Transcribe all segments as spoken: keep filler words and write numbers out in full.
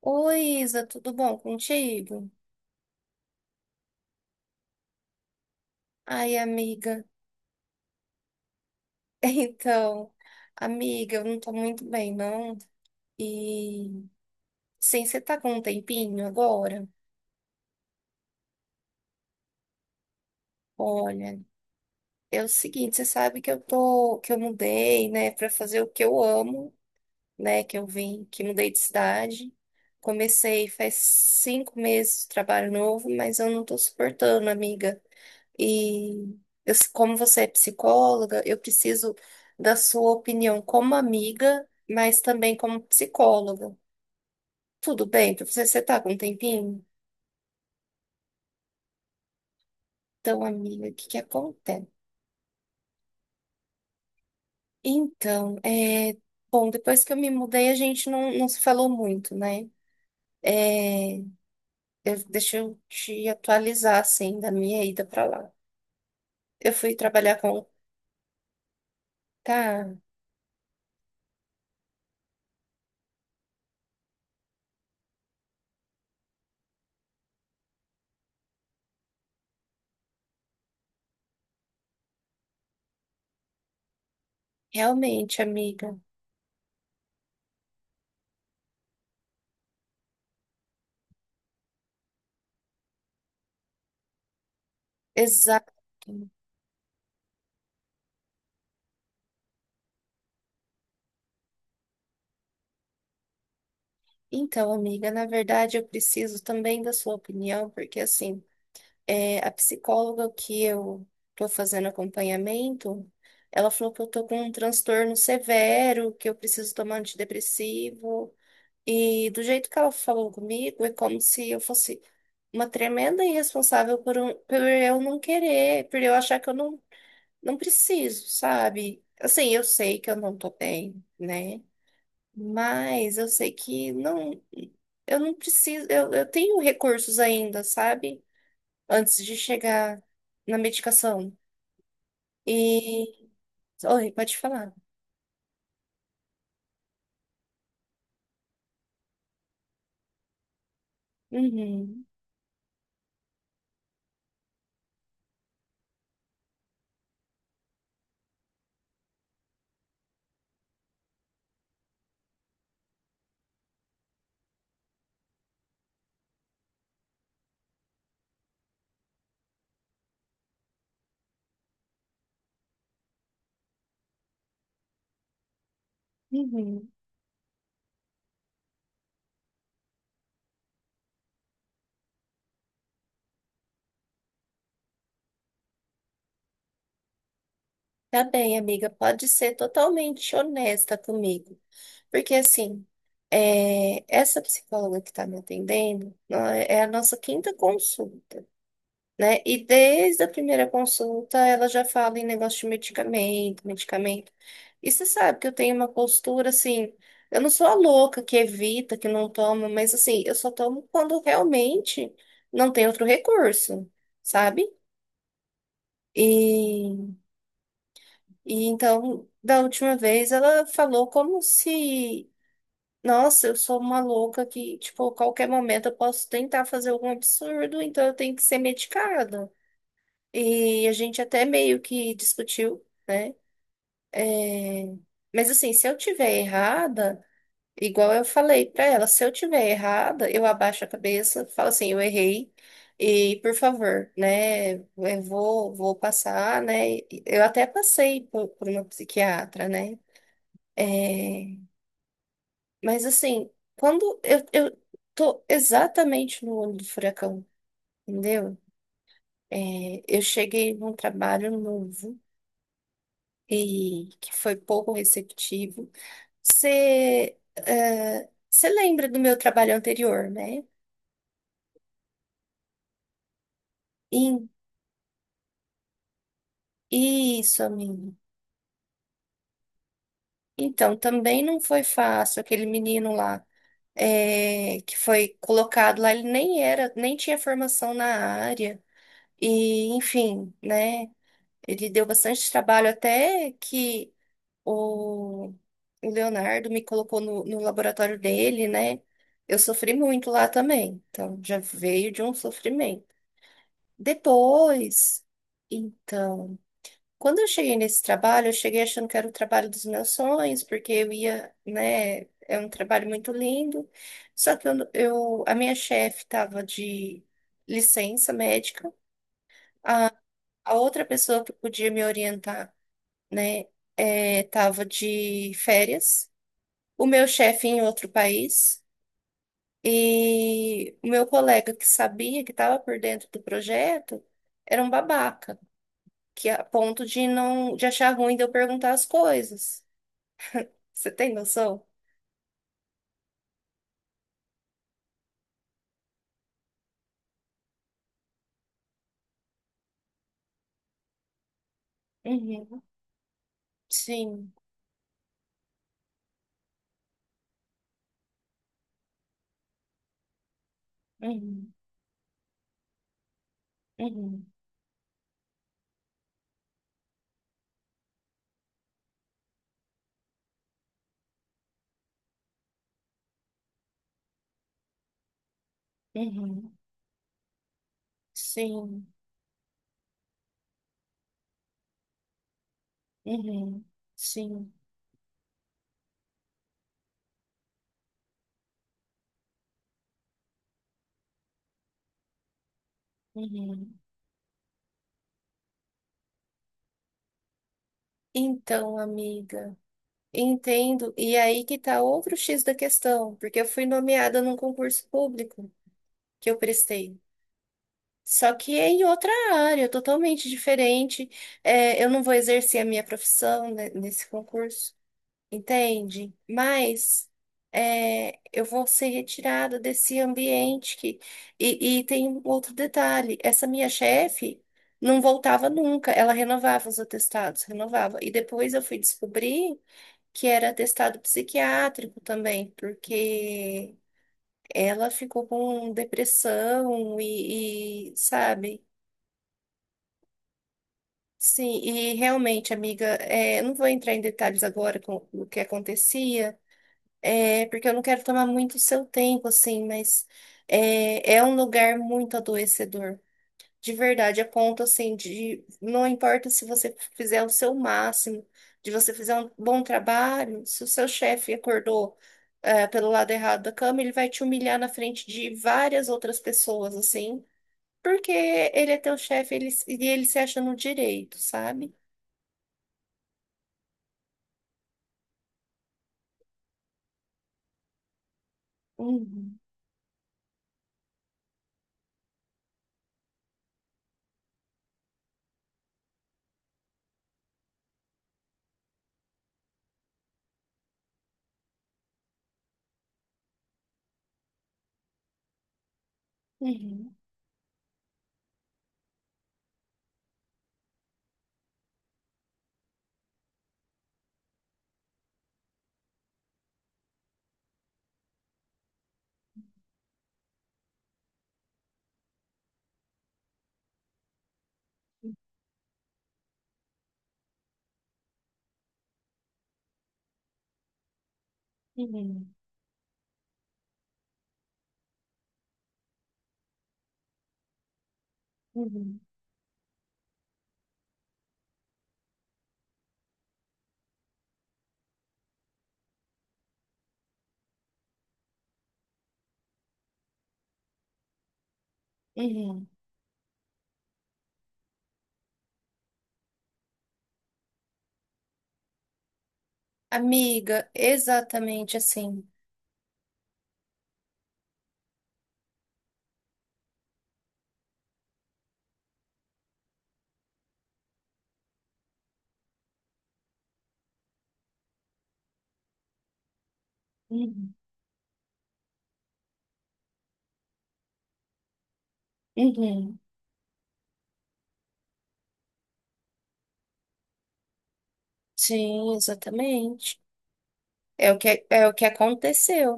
Oi, Isa, tudo bom contigo? Ai, amiga. Então, amiga, eu não tô muito bem, não. E sim, você tá com um tempinho agora? Olha, é o seguinte, você sabe que eu tô, que eu mudei, né, pra fazer o que eu amo, né, que eu vim, que mudei de cidade. Comecei faz cinco meses de trabalho novo, mas eu não tô suportando, amiga. E eu, como você é psicóloga, eu preciso da sua opinião como amiga, mas também como psicóloga. Tudo bem para você? Você tá com um tempinho? Então, amiga, o que que acontece? Então, é, bom, depois que eu me mudei, a gente não, não se falou muito, né? É, eu- deixa eu te atualizar, assim, da minha ida para lá. Eu fui trabalhar com. Tá, realmente, amiga. Exato. Então, amiga, na verdade eu preciso também da sua opinião, porque assim, é, a psicóloga que eu tô fazendo acompanhamento, ela falou que eu tô com um transtorno severo, que eu preciso tomar antidepressivo, e do jeito que ela falou comigo, é como se eu fosse uma tremenda irresponsável por, um, por eu não querer, por eu achar que eu não, não preciso, sabe? Assim, eu sei que eu não tô bem, né? Mas eu sei que não. Eu não preciso, eu, eu tenho recursos ainda, sabe? Antes de chegar na medicação. E. Oi, pode falar. Uhum, uhum. Tá bem, amiga, pode ser totalmente honesta comigo. Porque, assim, é, essa psicóloga que tá me atendendo ó, é a nossa quinta consulta. Né? E desde a primeira consulta ela já fala em negócio de medicamento, medicamento. E você sabe que eu tenho uma postura assim, eu não sou a louca que evita, que não toma, mas assim, eu só tomo quando realmente não tem outro recurso, sabe? E, e então, da última vez ela falou como se, nossa, eu sou uma louca que, tipo, a qualquer momento eu posso tentar fazer algum absurdo, então eu tenho que ser medicada. E a gente até meio que discutiu, né? É. Mas assim, se eu tiver errada, igual eu falei pra ela, se eu tiver errada, eu abaixo a cabeça, falo assim, eu errei. E por favor, né? Eu vou, vou passar, né? Eu até passei por, por uma psiquiatra, né? É. Mas assim, quando eu, eu tô exatamente no olho do furacão, entendeu? É, eu cheguei num trabalho novo. E que foi pouco receptivo. Você, eh, você lembra do meu trabalho anterior, né? Em- isso, amigo. Então, também não foi fácil aquele menino lá. Eh, que foi colocado lá, ele nem era, nem tinha formação na área, e enfim, né? Ele deu bastante trabalho até que o, o Leonardo me colocou no, no laboratório dele, né? Eu sofri muito lá também, então já veio de um sofrimento. Depois, então, quando eu cheguei nesse trabalho, eu cheguei achando que era o trabalho dos meus sonhos, porque eu ia, né? É um trabalho muito lindo. Só que eu, eu- a minha chefe estava de licença médica, a, a outra pessoa que podia me orientar, né? Estava de férias. O meu chefe em outro país e o meu colega que sabia que estava por dentro do projeto era um babaca, que a ponto de não de achar ruim de eu perguntar as coisas. Você tem noção? Uhum. Sim. Uhum. Uhum. Uhum. Sim. Uhum. Sim. Uhum. Então, amiga, entendo. E aí que tá outro X da questão, porque eu fui nomeada num concurso público que eu prestei. Só que é em outra área, totalmente diferente. É, eu não vou exercer a minha profissão ne- nesse concurso, entende? Mas é, eu vou ser retirada desse ambiente que. E, e tem um outro detalhe, essa minha chefe não voltava nunca, ela renovava os atestados, renovava. E depois eu fui descobrir que era atestado psiquiátrico também, porque. Ela ficou com depressão e, e, sabe? Sim, e realmente, amiga, é, eu não vou entrar em detalhes agora com o que acontecia, é, porque eu não quero tomar muito seu tempo, assim, mas é, é, um lugar muito adoecedor, de verdade, a ponto, assim, de não importa se você fizer o seu máximo, de você fizer um bom trabalho, se o seu chefe acordou, é, pelo lado errado da cama, ele vai te humilhar na frente de várias outras pessoas, assim, porque ele é teu chefe, ele, e ele se acha no direito, sabe? Uhum, uhum, uhum, uhum, uhum. Amiga, exatamente assim. Uhum, uhum. Sim, exatamente. É o que, é é o que aconteceu.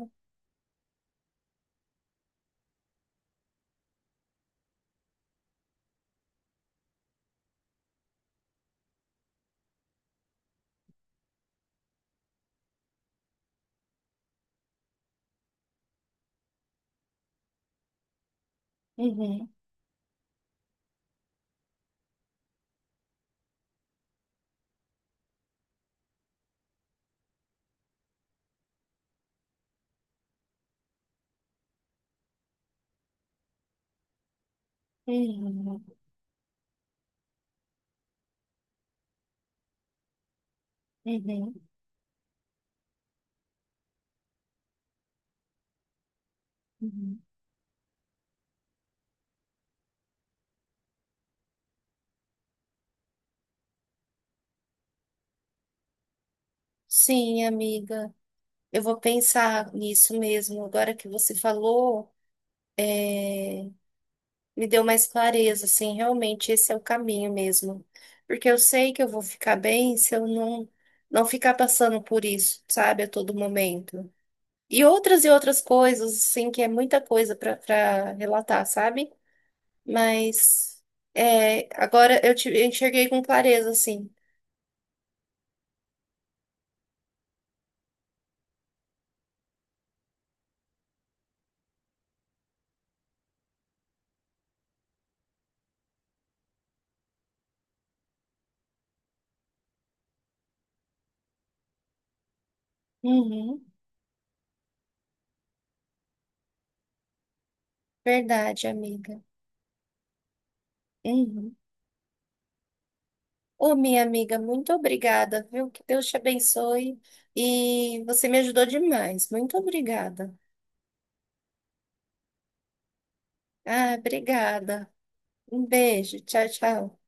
Uhum, uhum, uhum, uhum. Sim, amiga, eu vou pensar nisso mesmo. Agora que você falou, é, me deu mais clareza, assim, realmente esse é o caminho mesmo. Porque eu sei que eu vou ficar bem se eu não não ficar passando por isso, sabe, a todo momento. E outras e outras coisas, assim, que é muita coisa para para relatar, sabe? Mas é, agora eu te, eu enxerguei com clareza, assim. Uhum, verdade, amiga. Uhum. Ô, minha amiga, muito obrigada, viu? Que Deus te abençoe. E você me ajudou demais. Muito obrigada. Ah, obrigada. Um beijo. Tchau, tchau.